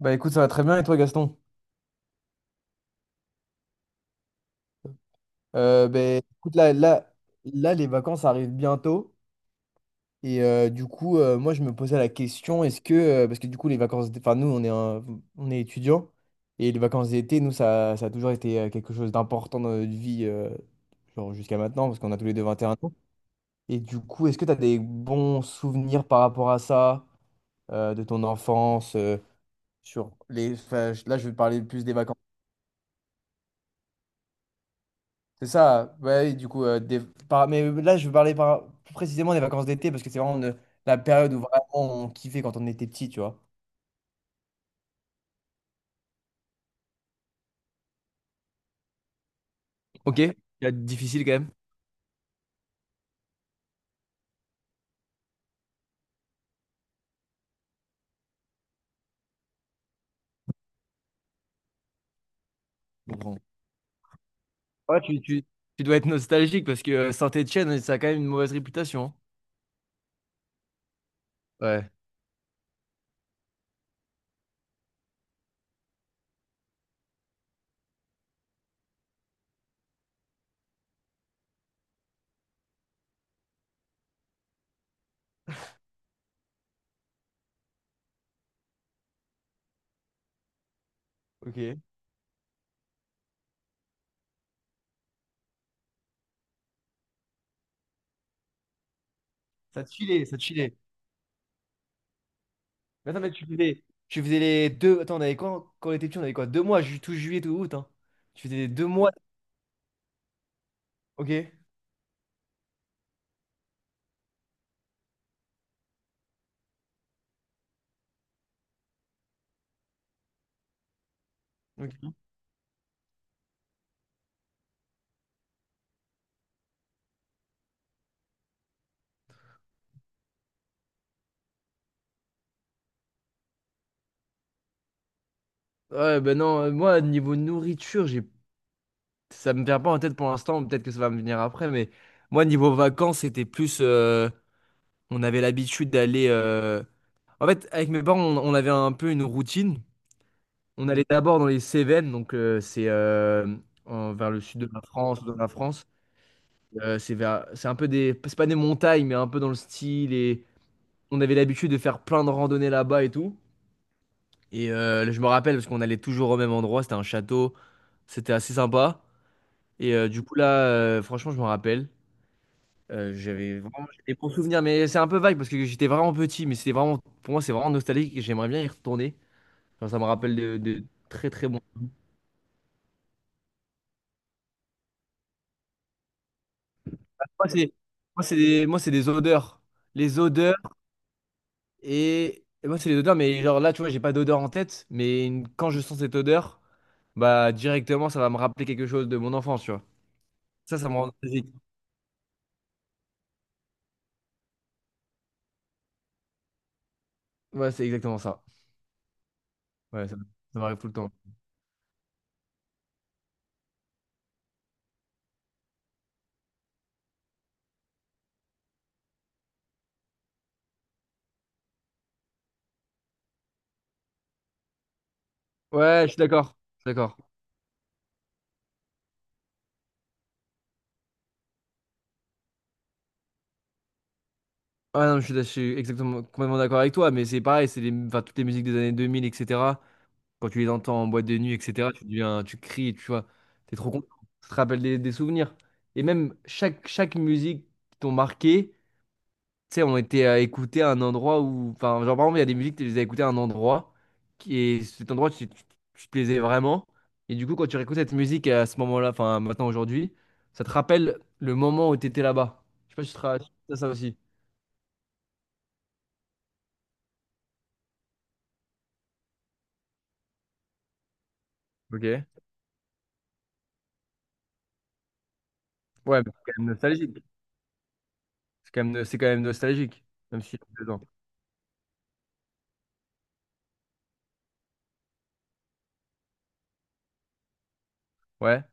Bah écoute, ça va très bien et toi Gaston? Ben, écoute, là, là, là, les vacances arrivent bientôt. Et du coup, moi, je me posais la question, est-ce que, parce que du coup, les vacances, enfin, nous, on est, on est étudiants, et les vacances d'été, nous, ça a toujours été quelque chose d'important dans notre vie, genre jusqu'à maintenant, parce qu'on a tous les deux 21 ans. Et du coup, est-ce que tu as des bons souvenirs par rapport à ça, de ton enfance, sur les, enfin, là, je vais parler plus des vacances. C'est ça, ouais, du coup, mais là je veux parler plus précisément des vacances d'été parce que c'est vraiment la période où vraiment on kiffait quand on était petit, tu vois. Ok, c'est difficile quand même. Bon. Ouais, Tu dois être nostalgique parce que Saint-Étienne, ça a quand même une mauvaise réputation, hein. Ouais. Ok. Ça te filait. Mais attends, mais tu faisais les deux. Attends, on avait quoi quand on était petit? On avait quoi? 2 mois, tout juillet, tout août. Hein. Tu faisais les 2 mois. Ok. Ok. Ouais, ben non, moi, niveau nourriture, j'ai Ça me vient pas en tête pour l'instant, peut-être que ça va me venir après, mais moi, niveau vacances, c'était plus, on avait l'habitude d'aller, en fait, avec mes parents, on avait un peu une routine. On allait d'abord dans les Cévennes, donc c'est vers le sud de la France, dans la France. C'est vers... c'est un peu des. C'est pas des montagnes, mais un peu dans le style. Et on avait l'habitude de faire plein de randonnées là-bas et tout. Et je me rappelle, parce qu'on allait toujours au même endroit, c'était un château, c'était assez sympa. Et du coup, là, franchement, je me rappelle. J'avais vraiment j'ai des bons souvenirs, mais c'est un peu vague parce que j'étais vraiment petit, mais c'était vraiment, pour moi, c'est vraiment nostalgique et j'aimerais bien y retourner. Genre, ça me rappelle de très très bons. Moi, c'est moi, moi, c'est des odeurs. Les odeurs et moi, c'est les odeurs, mais genre là, tu vois, j'ai pas d'odeur en tête, mais quand je sens cette odeur, bah directement, ça va me rappeler quelque chose de mon enfance, tu vois. Ça me rend nostalgique. Ouais, c'est exactement ça. Ouais, ça m'arrive tout le temps. Ouais, je suis d'accord. Je suis d'accord. Ah non, je suis exactement complètement d'accord avec toi, mais c'est pareil, c'est les, enfin, toutes les musiques des années 2000, etc. Quand tu les entends en boîte de nuit, etc., tu deviens, tu cries, tu vois, t'es trop content. Ça te rappelle des souvenirs. Et même chaque musique qui t'ont marqué, tu sais, ont été à écouter à un endroit où, enfin, genre par exemple, il y a des musiques, tu les as écoutées à un endroit, qui, et cet endroit, tu te plaisais vraiment. Et du coup, quand tu réécoutes cette musique à ce moment-là, enfin, maintenant, aujourd'hui, ça te rappelle le moment où tu étais là-bas. Je sais pas si si t'as ça aussi. Ok. Ouais, mais c'est quand même nostalgique. C'est quand même, c'est quand même nostalgique, même si dedans. Ouais.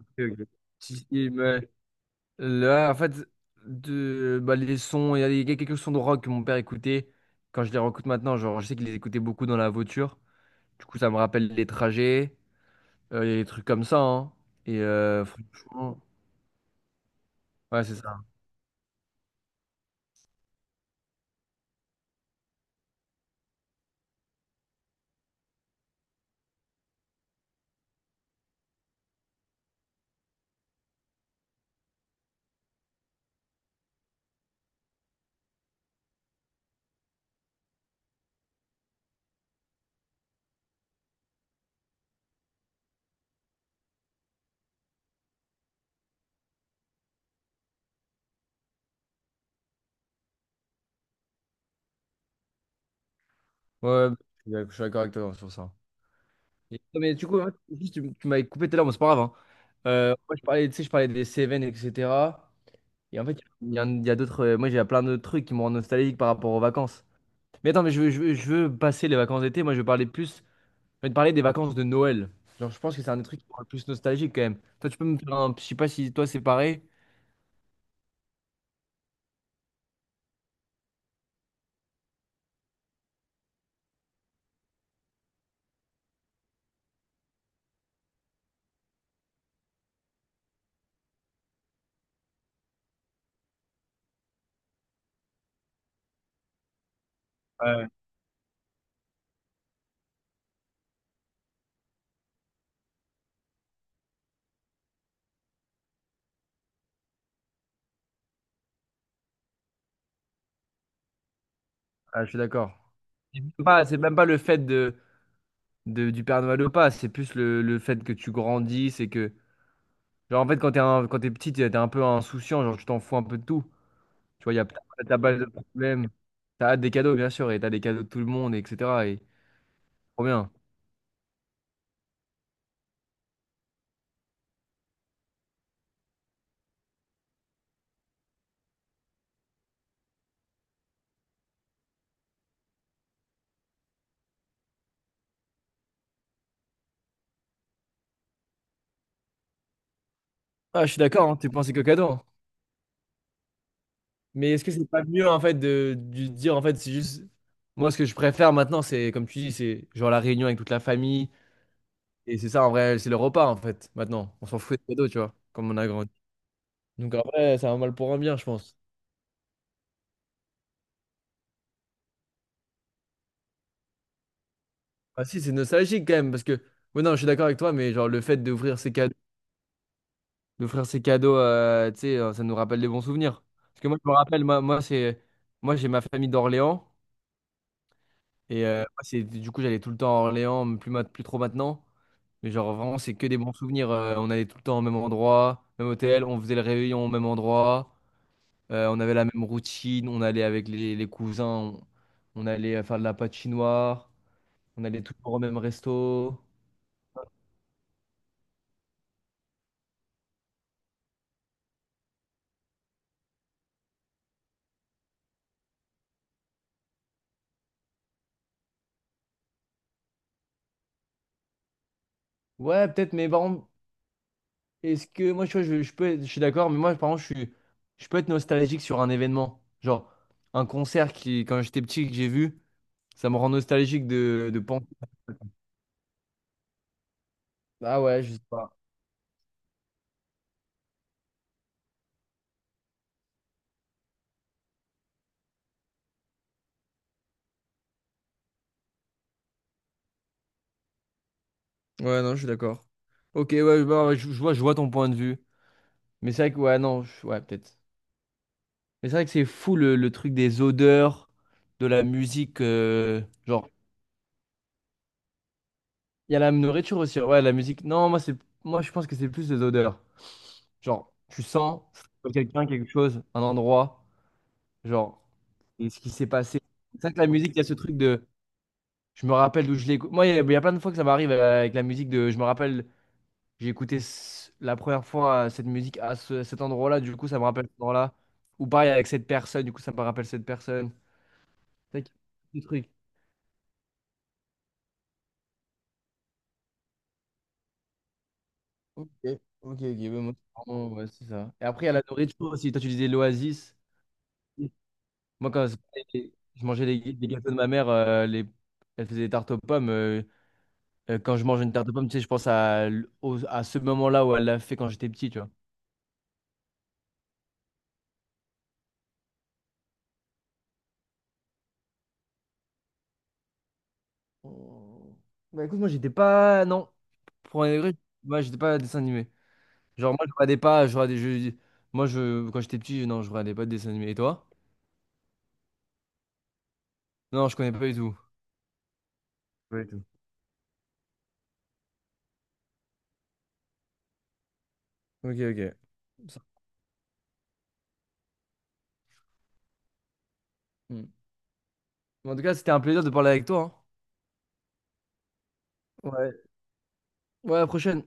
Ok, ok. Si, mais là, en fait, de, bah, les sons, il y a il y a quelques sons de rock que mon père écoutait. Quand je les réécoute maintenant, genre, je sais qu'il les écoutait beaucoup dans la voiture. Du coup, ça me rappelle les trajets, il y a des trucs comme ça, hein. Et franchement, ouais, c'est ça. Ouais, ouais, je suis d'accord avec toi sur ça. Non, mais du coup, en fait, juste, tu m'avais coupé tout à l'heure, bon, c'est pas grave, hein. Moi, je parlais, tu sais, je parlais des Seven, etc. Et en fait, il y a d'autres. Moi, j'ai plein de trucs qui me rendent nostalgique par rapport aux vacances. Mais attends, mais je veux passer les vacances d'été. Moi, je veux parler plus. Je vais te parler des vacances de Noël. Genre, je pense que c'est un des trucs qui me rend le plus nostalgique quand même. Toi, tu peux me faire un. Je sais pas si toi, c'est pareil. Ouais. Ah, je suis d'accord. C'est même pas le fait du Père Noël ou pas. C'est plus le fait que tu grandis. C'est que. Genre, en fait, quand t'es petit, t'es un peu insouciant. Genre, tu t'en fous un peu de tout. Tu vois, il y a t'as pas de problème. T'as hâte des cadeaux, bien sûr. Et t'as des cadeaux de tout le monde, etc. Et trop bien. Ah, je suis d'accord, hein, tu pensais qu'au cadeau, hein. Mais est-ce que c'est pas mieux en fait de dire, en fait c'est juste moi. Ce que je préfère maintenant, c'est comme tu dis, c'est genre la réunion avec toute la famille, et c'est ça, en vrai c'est le repas. En fait, maintenant on s'en fout des cadeaux, tu vois, comme on a grandi. Donc en vrai c'est un mal pour un bien, je pense. Ah si, c'est nostalgique quand même, parce que ouais non, je suis d'accord avec toi, mais genre le fait d'ouvrir ces cadeaux, d'offrir ces cadeaux tu sais ça nous rappelle des bons souvenirs, parce que moi je me rappelle moi, moi c'est moi j'ai ma famille d'Orléans et moi, c'est du coup j'allais tout le temps à Orléans, plus plus trop maintenant. Mais genre, vraiment, c'est que des bons souvenirs. On allait tout le temps au même endroit, même hôtel, on faisait le réveillon au même endroit, on avait la même routine, on allait avec les cousins, on allait faire de la patinoire, on allait toujours au même resto. Ouais, peut-être, mais par contre, est-ce que moi, tu vois, je suis d'accord, mais moi, par contre, je peux être nostalgique sur un événement. Genre, un concert qui, quand j'étais petit, que j'ai vu, ça me rend nostalgique de penser. Ah ouais, je sais pas. Ouais, non, je suis d'accord. Ok, ouais, bah, je vois ton point de vue. Mais c'est vrai que, ouais, non, ouais, peut-être. Mais c'est vrai que c'est fou le truc des odeurs, de la musique, genre, il y a la nourriture aussi. Ouais, la musique. Non, moi, je pense que c'est plus les odeurs. Genre, tu sens quelqu'un, quelque chose, un endroit. Genre, et ce qui s'est passé. C'est vrai que la musique, il y a ce truc de. Je me rappelle d'où je l'ai écouté. Moi, il y a plein de fois que ça m'arrive avec la musique de. Je me rappelle, j'ai écouté la première fois cette musique à cet endroit-là. Du coup, ça me rappelle cet endroit-là. Ou pareil avec cette personne. Du coup, ça me rappelle cette personne. Tac, le truc. Ok, ok, ok. Ouais, moi, ouais, c'est ça. Et après, il y a la nourriture aussi. Toi, tu disais l'oasis. Moi, je mangeais les gâteaux de ma mère, Elle faisait des tartes aux pommes. Quand je mange une tarte aux pommes, tu sais, je pense à ce moment-là où elle l'a fait quand j'étais petit, tu vois. Oh. Bah écoute, moi, j'étais pas. Non, pour un degré, moi, j'étais pas dessin animé. Genre, moi, je regardais pas. Quand j'étais petit, non, je regardais pas de dessin animé. Et toi? Non, je connais pas du tout. Pas du tout. Ok, ok. Ça- hmm. Mais en tout cas, c'était un plaisir de parler avec toi. Hein. Ouais. Ouais, à la prochaine.